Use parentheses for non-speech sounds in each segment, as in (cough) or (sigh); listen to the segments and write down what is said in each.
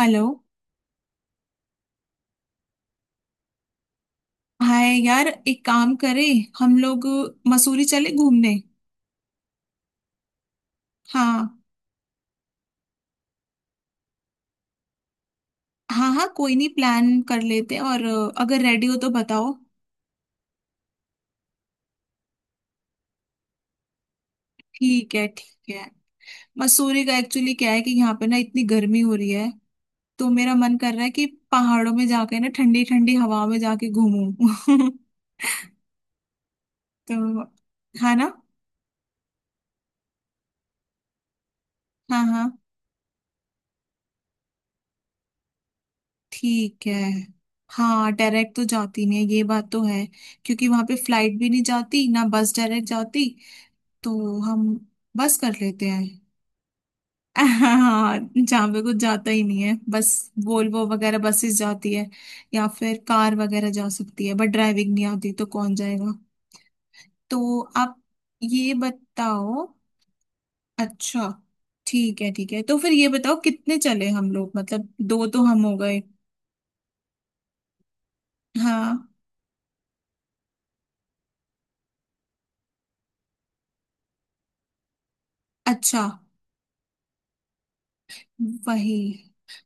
Hello. Hi यार, एक काम करें हम लोग। मसूरी चले घूमने। हाँ। हाँ हाँ, कोई नहीं, प्लान कर लेते हैं। और अगर रेडी हो तो बताओ। ठीक है ठीक है। मसूरी का एक्चुअली क्या है कि यहाँ पे ना इतनी गर्मी हो रही है, तो मेरा मन कर रहा है कि पहाड़ों में जाके ना ठंडी ठंडी हवा में जाके घूमूं। (laughs) तो। है ना। हाँ हाँ ठीक है। हाँ, डायरेक्ट तो जाती नहीं है, ये बात तो है। क्योंकि वहां पे फ्लाइट भी नहीं जाती ना, बस डायरेक्ट जाती। तो हम बस कर लेते हैं। (laughs) हाँ, जहाँ पे कुछ जाता ही नहीं है, बस वोल्वो वगैरह बसेस जाती है। या फिर कार वगैरह जा सकती है, बट ड्राइविंग नहीं आती तो कौन जाएगा। तो आप ये बताओ। अच्छा, ठीक है ठीक है। तो फिर ये बताओ, कितने चले हम लोग? मतलब दो तो हम हो गए। हाँ। अच्छा। वही।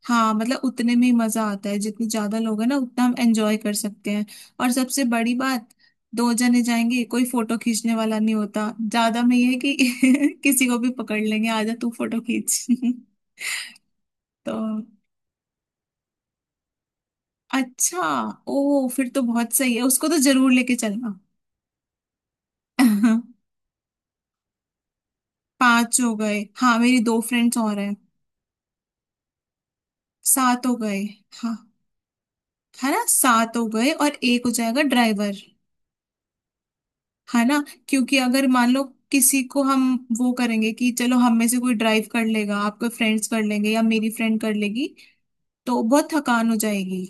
हाँ, मतलब उतने में ही मजा आता है, जितने ज्यादा लोग हैं ना उतना हम एंजॉय कर सकते हैं। और सबसे बड़ी बात। दो जने जाएंगे कोई फोटो खींचने वाला नहीं होता, ज्यादा में ये है कि (laughs) किसी को भी पकड़ लेंगे, आजा तू फोटो खींच। (laughs) तो। अच्छा। ओ, फिर तो बहुत सही है, उसको तो जरूर लेके चलना। (laughs) पांच हो गए। हाँ, मेरी दो फ्रेंड्स और हैं। सात हो गए। हाँ। है ना, सात हो गए और एक हो जाएगा ड्राइवर। है ना। क्योंकि अगर मान लो किसी को हम, वो करेंगे कि चलो हम में से कोई ड्राइव कर लेगा, आपके फ्रेंड्स कर लेंगे या मेरी फ्रेंड कर लेगी, तो बहुत थकान हो जाएगी।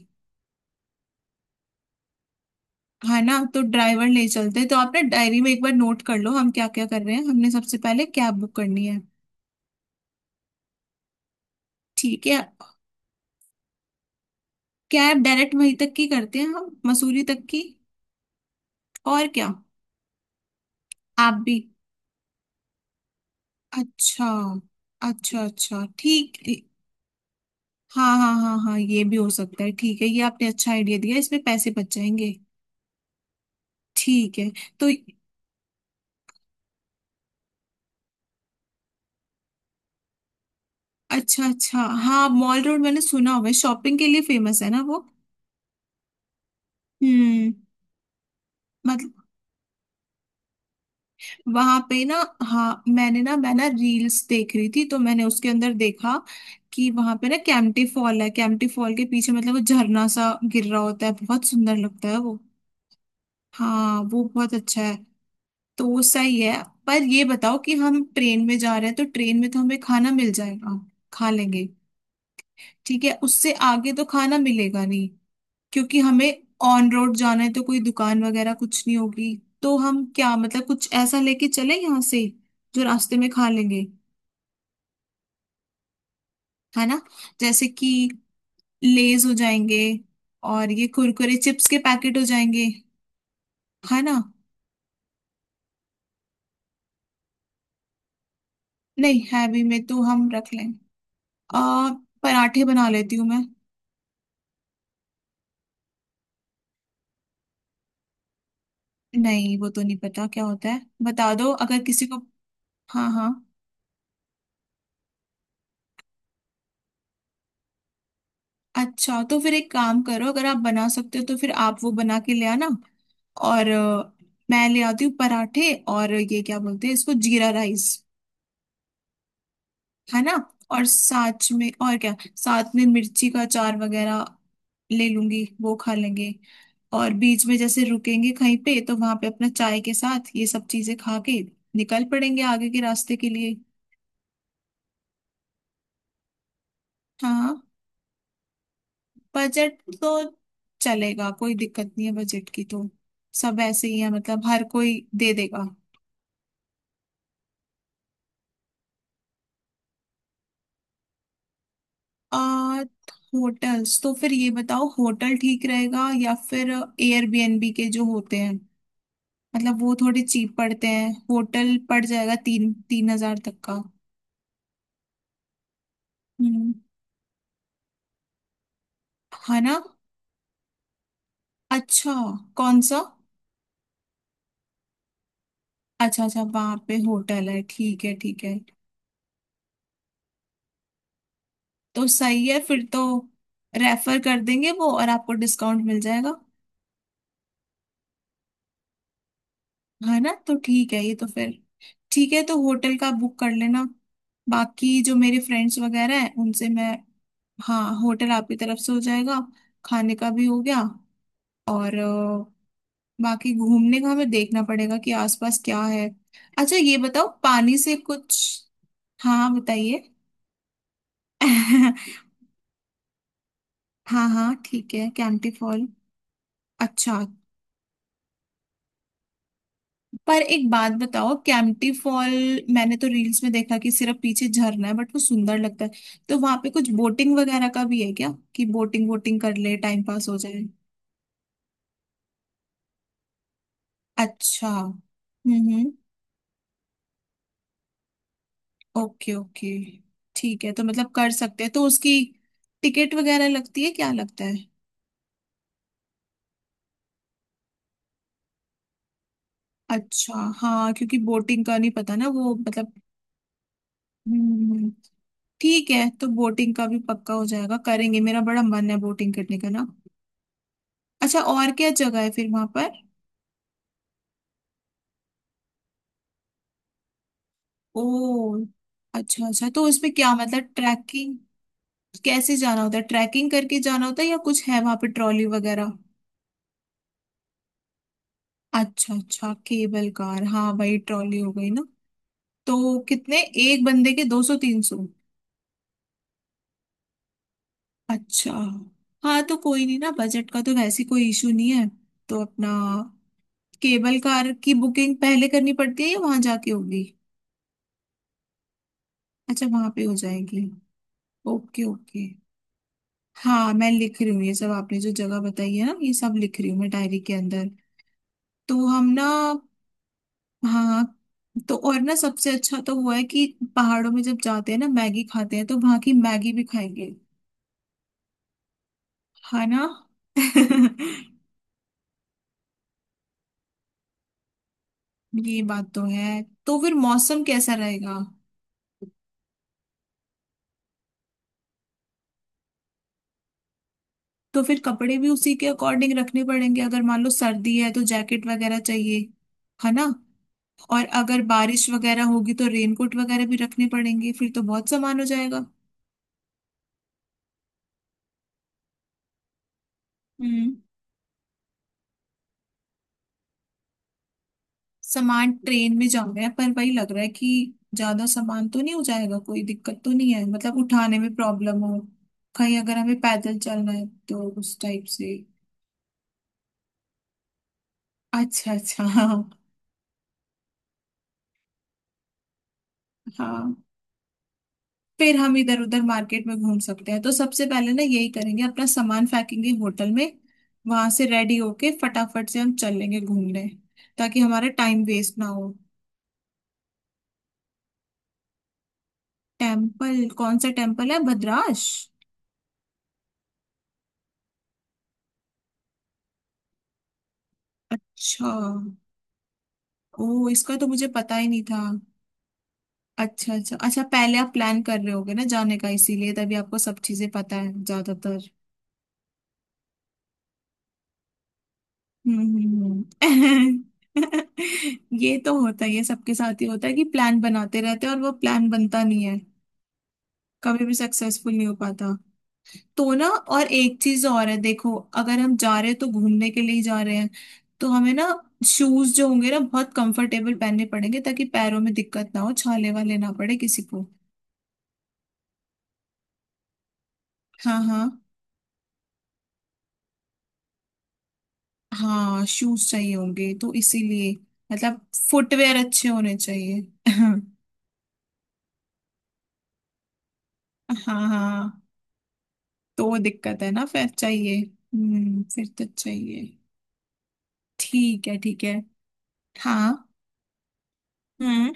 है ना, तो ड्राइवर ले चलते। तो आप ना डायरी में एक बार नोट कर लो हम क्या क्या कर रहे हैं। हमने सबसे पहले कैब बुक करनी है। ठीक है। कैब डायरेक्ट वहीं तक की करते हैं हम, मसूरी तक की। और क्या? आप भी? अच्छा अच्छा अच्छा, ठीक। हाँ हाँ हाँ हाँ, ये भी हो सकता है। ठीक है, ये आपने अच्छा आइडिया दिया, इसमें पैसे बच जाएंगे। ठीक है तो। अच्छा अच्छा। हाँ, मॉल रोड मैंने सुना हुआ है, शॉपिंग के लिए फेमस है ना वो। हम्म। मतलब वहां पे ना। हाँ, मैंने ना, मैं ना रील्स देख रही थी तो मैंने उसके अंदर देखा कि वहां पे ना कैंपटी फॉल है, कैंपटी फॉल के पीछे मतलब वो झरना सा गिर रहा होता है, बहुत सुंदर लगता है वो। हाँ, वो बहुत अच्छा है। तो वो सही है, पर ये बताओ कि हम ट्रेन में जा रहे हैं तो ट्रेन में तो हमें खाना मिल जाएगा, खा लेंगे। ठीक है, उससे आगे तो खाना मिलेगा नहीं। क्योंकि हमें ऑन रोड जाना है तो कोई दुकान वगैरह कुछ नहीं होगी। तो हम क्या, मतलब कुछ ऐसा लेके चले यहाँ से जो रास्ते में खा लेंगे। है ना। जैसे कि लेज हो जाएंगे और ये कुरकुरे चिप्स के पैकेट हो जाएंगे। है ना। नहीं, हैवी में तो हम रख लें। आ पराठे बना लेती हूँ मैं। नहीं, वो तो नहीं पता क्या होता है, बता दो अगर किसी को। हाँ हाँ। अच्छा, तो फिर एक काम करो, अगर आप बना सकते हो तो फिर आप वो बना के ले आना। और मैं ले आती हूँ पराठे और ये क्या बोलते हैं इसको, जीरा राइस। है ना। और साथ में और क्या, साथ में मिर्ची का अचार वगैरह ले लूंगी, वो खा लेंगे। और बीच में जैसे रुकेंगे कहीं पे तो वहां पे अपना चाय के साथ ये सब चीजें खा के निकल पड़ेंगे आगे के रास्ते के लिए। हाँ, बजट तो चलेगा, कोई दिक्कत नहीं है बजट की तो। सब ऐसे ही है, मतलब हर कोई दे देगा। आ, होटल्स, तो फिर ये बताओ होटल ठीक रहेगा या फिर एयरबीएनबी के जो होते हैं, मतलब वो थोड़े चीप पड़ते हैं। होटल पड़ जाएगा तीन तीन हजार तक का। हम्म। है ना। अच्छा। कौन सा? अच्छा अच्छा, वहां पे होटल है। ठीक है ठीक है। तो सही है फिर तो, रेफर कर देंगे वो और आपको डिस्काउंट मिल जाएगा। है ना, तो ठीक है, ये तो फिर। ठीक है, तो होटल का बुक कर लेना। बाकी जो मेरे फ्रेंड्स वगैरह हैं उनसे मैं। हाँ, होटल आपकी तरफ से हो जाएगा। खाने का भी हो गया। और बाकी घूमने का हमें देखना पड़ेगा कि आसपास क्या है। अच्छा, ये बताओ पानी से कुछ। हाँ बताइए। (laughs) हाँ हाँ ठीक है, कैंटी फॉल। अच्छा, पर एक बात बताओ, कैंटी फॉल मैंने तो रील्स में देखा कि सिर्फ पीछे झरना है, बट वो सुंदर लगता है। तो वहां पे कुछ बोटिंग वगैरह का भी है क्या, कि बोटिंग वोटिंग कर ले टाइम पास हो जाए? अच्छा। ओके ओके, ठीक है, तो मतलब कर सकते हैं तो उसकी टिकट वगैरह लगती है क्या, लगता है? अच्छा। हाँ, क्योंकि बोटिंग का नहीं पता ना वो, मतलब। हम्म। ठीक है, तो बोटिंग का भी पक्का हो जाएगा, करेंगे, मेरा बड़ा मन है बोटिंग करने का ना। अच्छा, और क्या जगह है फिर वहां पर? ओ, अच्छा अच्छा, तो उसमें क्या मतलब, ट्रैकिंग? कैसे जाना होता है, ट्रैकिंग करके जाना होता है या कुछ है वहां पे, ट्रॉली वगैरह? अच्छा अच्छा, केबल कार, हाँ भाई ट्रॉली हो गई ना। तो कितने? एक बंदे के 200-300? अच्छा। हाँ, तो कोई नहीं ना, बजट का तो वैसे कोई इशू नहीं है। तो अपना केबल कार की बुकिंग पहले करनी पड़ती है या वहां जाके होगी? अच्छा, वहां पे हो जाएगी। Okay okay. हाँ, मैं लिख रही हूँ, ये सब आपने जो जगह बताई है ना ये सब लिख रही हूँ मैं डायरी के अंदर। तो हम ना। हाँ, तो और ना सबसे अच्छा तो हुआ है कि पहाड़ों में जब जाते हैं ना मैगी खाते हैं, तो वहां की मैगी भी खाएंगे। है ना। (laughs) ये बात तो है। तो फिर मौसम कैसा रहेगा? तो फिर कपड़े भी उसी के अकॉर्डिंग रखने पड़ेंगे, अगर मान लो सर्दी है तो जैकेट वगैरह चाहिए। है ना। और अगर बारिश वगैरह होगी तो रेनकोट वगैरह भी रखने पड़ेंगे, फिर तो बहुत सामान हो जाएगा। हम्म। सामान ट्रेन में जा रहे हैं, पर वही लग रहा है कि ज्यादा सामान तो नहीं हो जाएगा, कोई दिक्कत तो नहीं है मतलब उठाने में प्रॉब्लम हो कहीं, अगर हमें पैदल चलना है तो उस टाइप से। अच्छा अच्छा। (laughs) हाँ हाँ। फिर हम इधर उधर मार्केट में घूम सकते हैं, तो सबसे पहले ना यही करेंगे, अपना सामान फेंकेंगे होटल में। वहां से रेडी होके फटाफट से हम चल लेंगे घूमने, ताकि हमारा टाइम वेस्ट ना हो। टेम्पल, कौन सा टेम्पल है भद्राश? अच्छा। ओ, इसका तो मुझे पता ही नहीं था। अच्छा अच्छा अच्छा, पहले आप प्लान कर रहे होगे ना जाने का, इसीलिए तभी आपको सब चीजें पता है ज्यादातर। हम्म हम्म, हम्म। (laughs) ये तो होता है, ये सबके साथ ही होता है कि प्लान बनाते रहते हैं और वो प्लान बनता नहीं है। कभी भी सक्सेसफुल नहीं हो पाता। तो ना, और एक चीज और है देखो, अगर हम जा रहे हैं तो घूमने के लिए ही जा रहे हैं। तो हमें ना शूज जो होंगे ना बहुत कंफर्टेबल पहनने पड़ेंगे, ताकि पैरों में दिक्कत ना हो, छाले वाले ना पड़े किसी को। हाँ हाँ। हाँ, शूज चाहिए होंगे, तो इसीलिए मतलब फुटवेयर अच्छे होने चाहिए। (laughs) हाँ हाँ, तो वो दिक्कत है ना, फिर चाहिए, हम्म, फिर तो चाहिए। ठीक है ठीक है। हाँ। हम्म।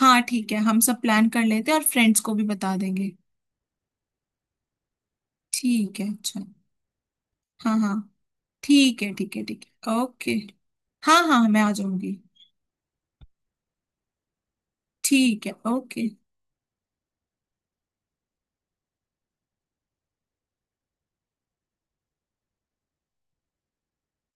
हाँ ठीक है, हम सब प्लान कर लेते हैं और फ्रेंड्स को भी बता देंगे। ठीक है अच्छा। हाँ हाँ, ठीक है ठीक है ठीक है ओके। हाँ हाँ, मैं आ जाऊंगी। ठीक है ओके।